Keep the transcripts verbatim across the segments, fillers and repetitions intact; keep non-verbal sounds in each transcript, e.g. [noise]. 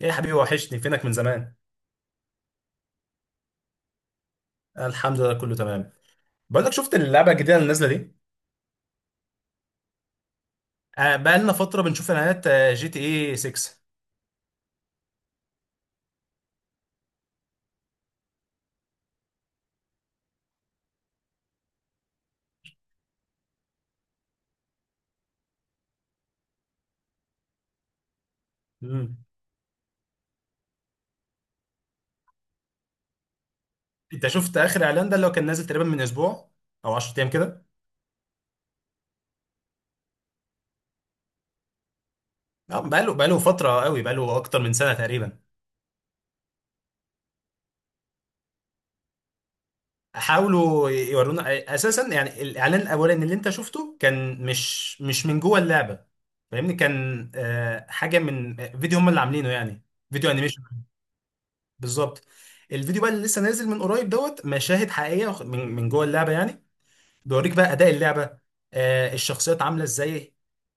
ايه يا حبيبي، وحشني. فينك من زمان؟ الحمد لله، كله تمام. بقول لك، شفت اللعبه الجديده اللي نازله دي؟ آه، بقى لنا فتره بنشوف اعلانات، آه، جي تي اي ستة. مم. انت شفت اخر اعلان ده؟ اللي هو كان نازل تقريبا من اسبوع او عشرة ايام كده. آه، بقى له بقى له فتره قوي، بقى له اكتر من سنه تقريبا. حاولوا يورونا. اساسا يعني الاعلان الاولاني اللي انت شفته كان مش مش من جوه اللعبه، فاهمني؟ كان آه حاجه من فيديو هم اللي عاملينه، يعني فيديو انيميشن. بالظبط. الفيديو بقى اللي لسه نازل من قريب دوت، مشاهد حقيقيه، وخ- من من جوه اللعبه يعني. بيوريك بقى اداء اللعبه، آه الشخصيات عامله ازاي.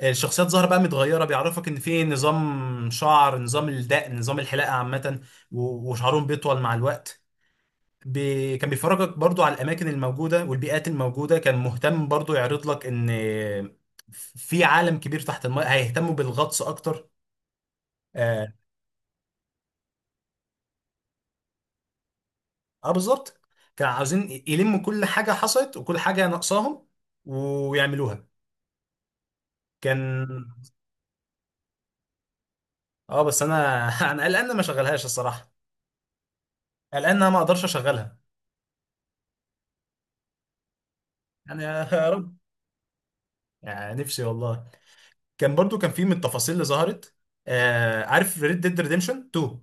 آه، الشخصيات ظاهره بقى متغيره، بيعرفك ان في نظام شعر، نظام الدقن، نظام الحلاقه عامه. و- وشعرهم بيطول مع الوقت. بي... كان بيفرجك برضو على الاماكن الموجوده والبيئات الموجوده. كان مهتم برضو يعرض لك ان، آه، في عالم كبير تحت الماء، هيهتموا بالغطس اكتر. آه، اه بالظبط. كانوا عاوزين ي- يلموا كل حاجة حصلت وكل حاجة ناقصاهم، ويعملوها. كان، اه بس انا [laughs] انا قلقان إن ما اشغلهاش الصراحة. قلقان ان انا ما اقدرش اشغلها. يعني يا [laughs] رب. يعني نفسي والله. كان برضو كان في من التفاصيل اللي ظهرت. آه عارف ريد ديد ريديمشن اتنين؟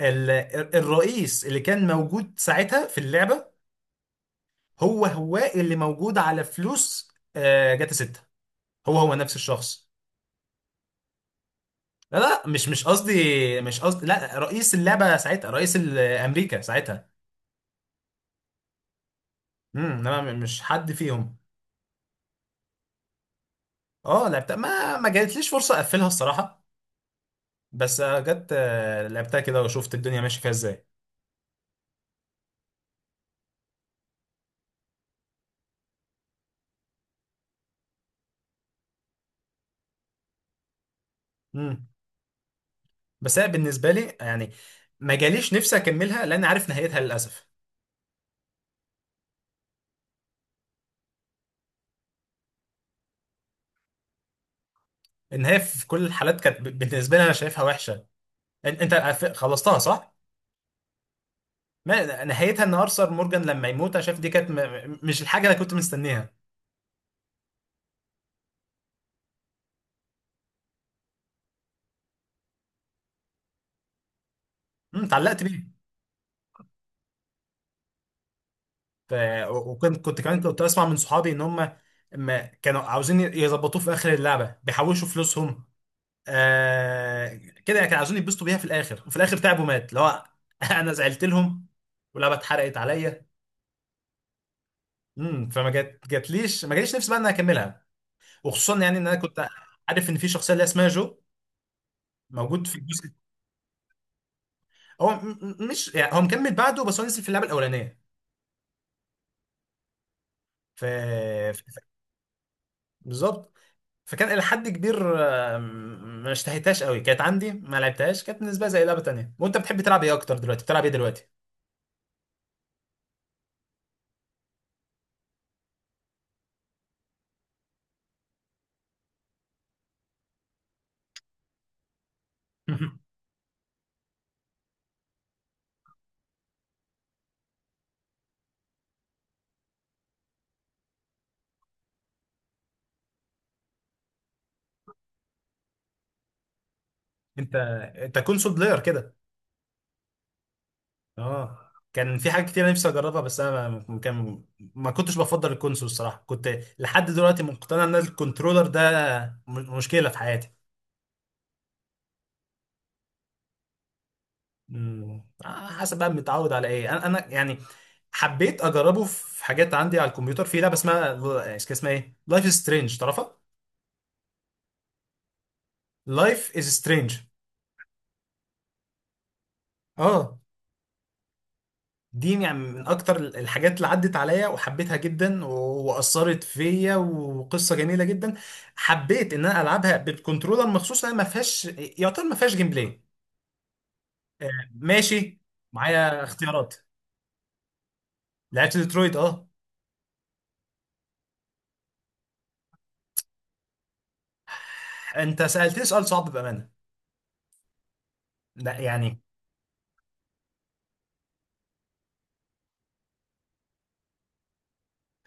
ال- الرئيس اللي كان موجود ساعتها في اللعبة، هو هو اللي موجود على فلوس آه جاتا ستة. هو هو نفس الشخص. لا، لا، مش مش قصدي. مش قصدي، لا رئيس اللعبة ساعتها، رئيس ال- أمريكا ساعتها. امم انما م- مش حد فيهم. اه لعبتها، ما ما جاتليش فرصة اقفلها الصراحة. بس آه، جت آه، لعبتها كده وشفت الدنيا ماشية فيها ازاي. امم بس هي بالنسبة لي يعني ما جاليش نفسي اكملها لان عارف نهايتها للاسف. النهاية في كل الحالات كانت، ب- بالنسبة لي انا شايفها وحشة. ان- انت قف- خلصتها صح؟ ما نهايتها ان ارثر مورجان لما يموت. انا شايف دي كانت م- م- مش الحاجة اللي كنت مستنيها. امم اتعلقت بيه. ف... وكنت كنت كمان كنت اسمع من صحابي ان هم ما كانوا عاوزين يظبطوه في اخر اللعبه، بيحوشوا فلوسهم آه... كده، كانوا عاوزين يتبسطوا بيها في الاخر، وفي الاخر تعبوا، مات اللي هو [laughs] انا زعلت لهم واللعبه اتحرقت عليا. امم فما جات جاتليش، ما جاليش نفسي بقى ان انا اكملها. وخصوصا يعني ان انا كنت عارف ان في شخصيه اللي اسمها جو موجود في الجزء. هو م- م- مش يعني هو مكمل بعده، بس هو نزل في اللعبه الاولانيه. ف... ف... بالظبط. فكان إلى حد كبير، آه، م- ما اشتهيتهاش قوي. كانت عندي، ما لعبتهاش. كانت بالنسبة لي زي لعبة تانية. وأنت بتحب تلعب إيه أكتر؟ دلوقتي بتلعب إيه دلوقتي؟ [laughs] أنت أنت كونسول بلاير كده؟ أه. كان في حاجات كتير نفسي أجربها، بس أنا ما ما- كان، ما كنتش بفضل الكونسول الصراحة. كنت لحد دلوقتي مقتنع إن الكنترولر ده م- مشكلة في حياتي. مم. آه، حسب بقى متعود على إيه. أنا أنا يعني حبيت اجربه في حاجات عندي على الكمبيوتر. في لعبه اسمها، كان اسمها ايه، لايف از سترينج، تعرفها؟ لايف از سترينج. اه، دي يعني من اكتر الحاجات اللي عدت عليا وحبيتها جدا و- واثرت فيا، وقصه جميله جدا. حبيت ان انا العبها بالكنترولر مخصوص. انا ما فيهاش، يعتبر ما فيهاش جيم بلاي. آه، ماشي. معايا اختيارات. لعبت ديترويت اه. انت سالتني سؤال صعب بامانه. لا يعني،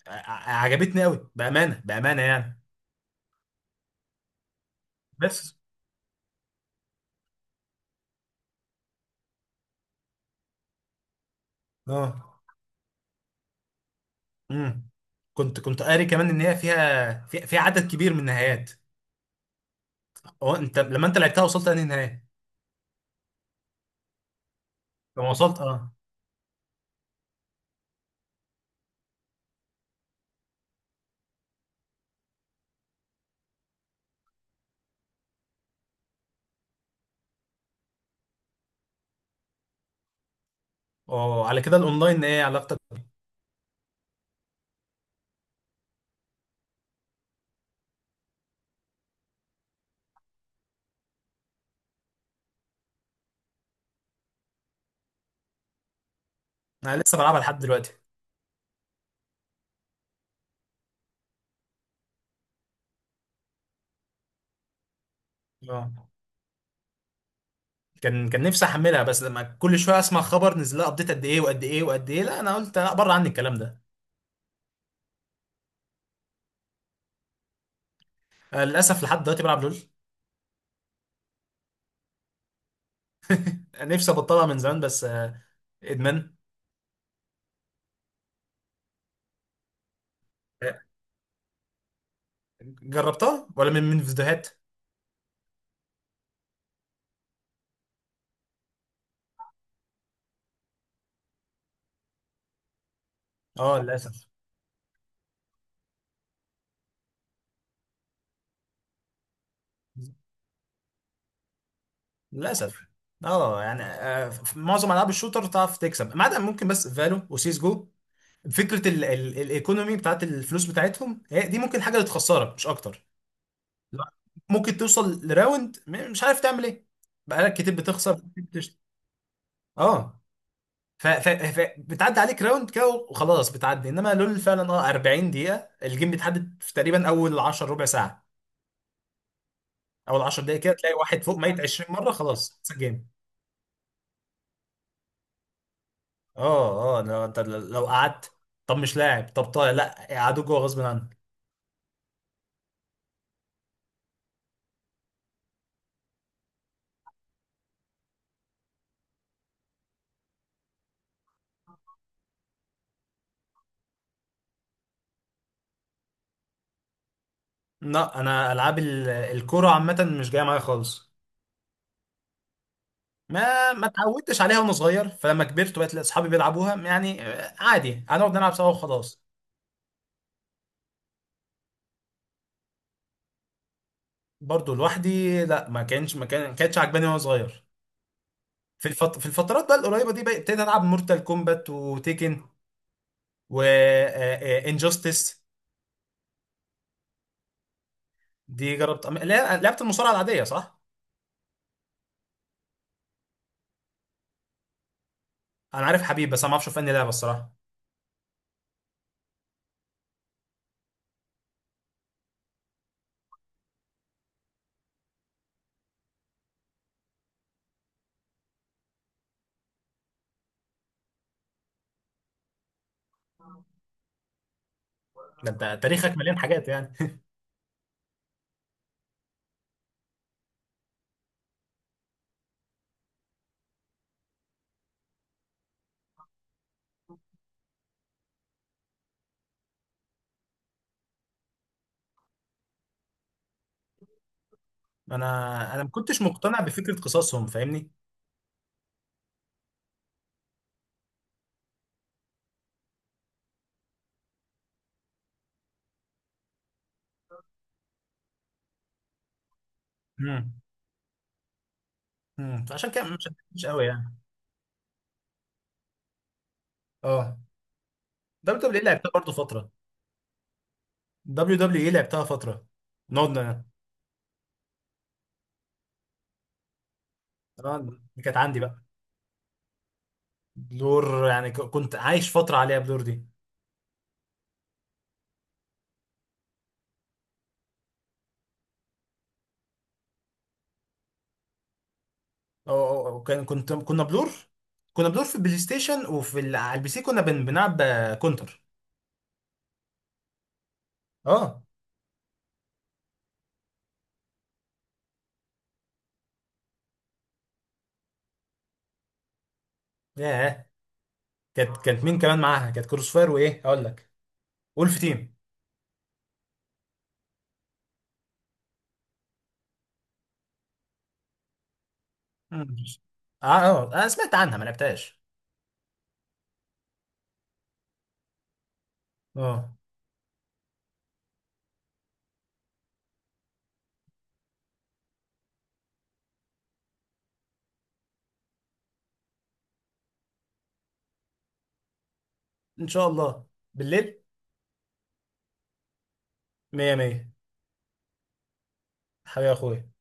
ع- عجبتني قوي بامانه، بامانه يعني. بس اه. امم كنت كنت قاري كمان ان هي فيها في- فيها عدد كبير من النهايات. هو انت لما انت لعبتها وصلت لأنهي نهايه؟ لما وصلت اه. اه، على كده الاونلاين ايه علاقتك بيه؟ انا لسه بلعبها لحد دلوقتي. اه. كان كان نفسي احملها، بس لما كل شويه اسمع خبر نزل لها ابديت قد ايه، وقد ايه، وقد ايه، لا انا قلت لا، بره عني الكلام ده. آه، للاسف لحد دلوقتي بلعب لول. نفسي ابطلها من زمان، بس آه، ادمان. آه، جربتها ولا من من فيديوهات؟ اه للاسف. للاسف. اه يعني، آه، في معظم العاب الشوتر تعرف تكسب ما عدا ممكن بس فالو وسيس جو. فكره ال ال الايكونومي بتاعت الفلوس بتاعتهم هي دي، ممكن حاجه اللي تخسرك مش اكتر. لا. ممكن توصل لراوند، م- مش عارف تعمل ايه. بقالك كتير بتخسر كتير بتشت... اه ف... ف... ف... بتعدي عليك راوند كده وخلاص، بتعدي. انما لول فعلا اه اربعين دقيقة، الجيم بيتحدد في تقريبا اول عشر ربع ساعة، اول عشر دقايق كده تلاقي واحد فوق ميت عشرين مرة، خلاص خلص الجيم. اه، اه، لو انت لو قعدت، طب مش لاعب، طب طيب، لا قعدوا جوه غصب عنك. لا، انا العاب ال- الكرة عامة مش جاية معايا خالص. ما ما اتعودتش عليها وانا صغير، فلما كبرت وبقت اصحابي بيلعبوها يعني، آه، عادي هنقعد نلعب سوا وخلاص. برضو لوحدي لا، ما كانش ما كان- ما كانتش عجباني وانا صغير. في الفت... في الفترات بقى القريبه دي بقى، ابتديت العب مورتال كومبات وتيكن وانجستس. دي جربت أم- لا، لعبت المصارعه العاديه صح. انا عارف حبيب، بس انا ما اعرفش في انهي لعبه الصراحه. ده انت تاريخك مليان حاجات يعني. [laughs] انا انا ما كنتش مقتنع بفكره قصصهم فاهمني. امم امم فعشان كده مش مش قوي يعني. اه. دبليو دبليو اي لعبتها برضه فتره. دبليو دبليو ايه لعبتها فترة. نقعد ن- آه، دي كانت عندي بقى. بلور يعني ك- كنت عايش فترة عليها، بلور دي. أو أو- أو كان كنت، كنا بلور. كنا بلور في البلاي ستيشن، وفي ال- على البي سي كنا بن... بنلعب آه، كونتر. اه. ياه. كانت كانت مين كمان معاها؟ كانت كروس فاير، وايه اقول لك، وولف تيم. مم. اه، اه، انا سمعت عنها ما لعبتهاش. اه. ان شاء الله. بالليل. مية مية. حبيبي يا اخويا.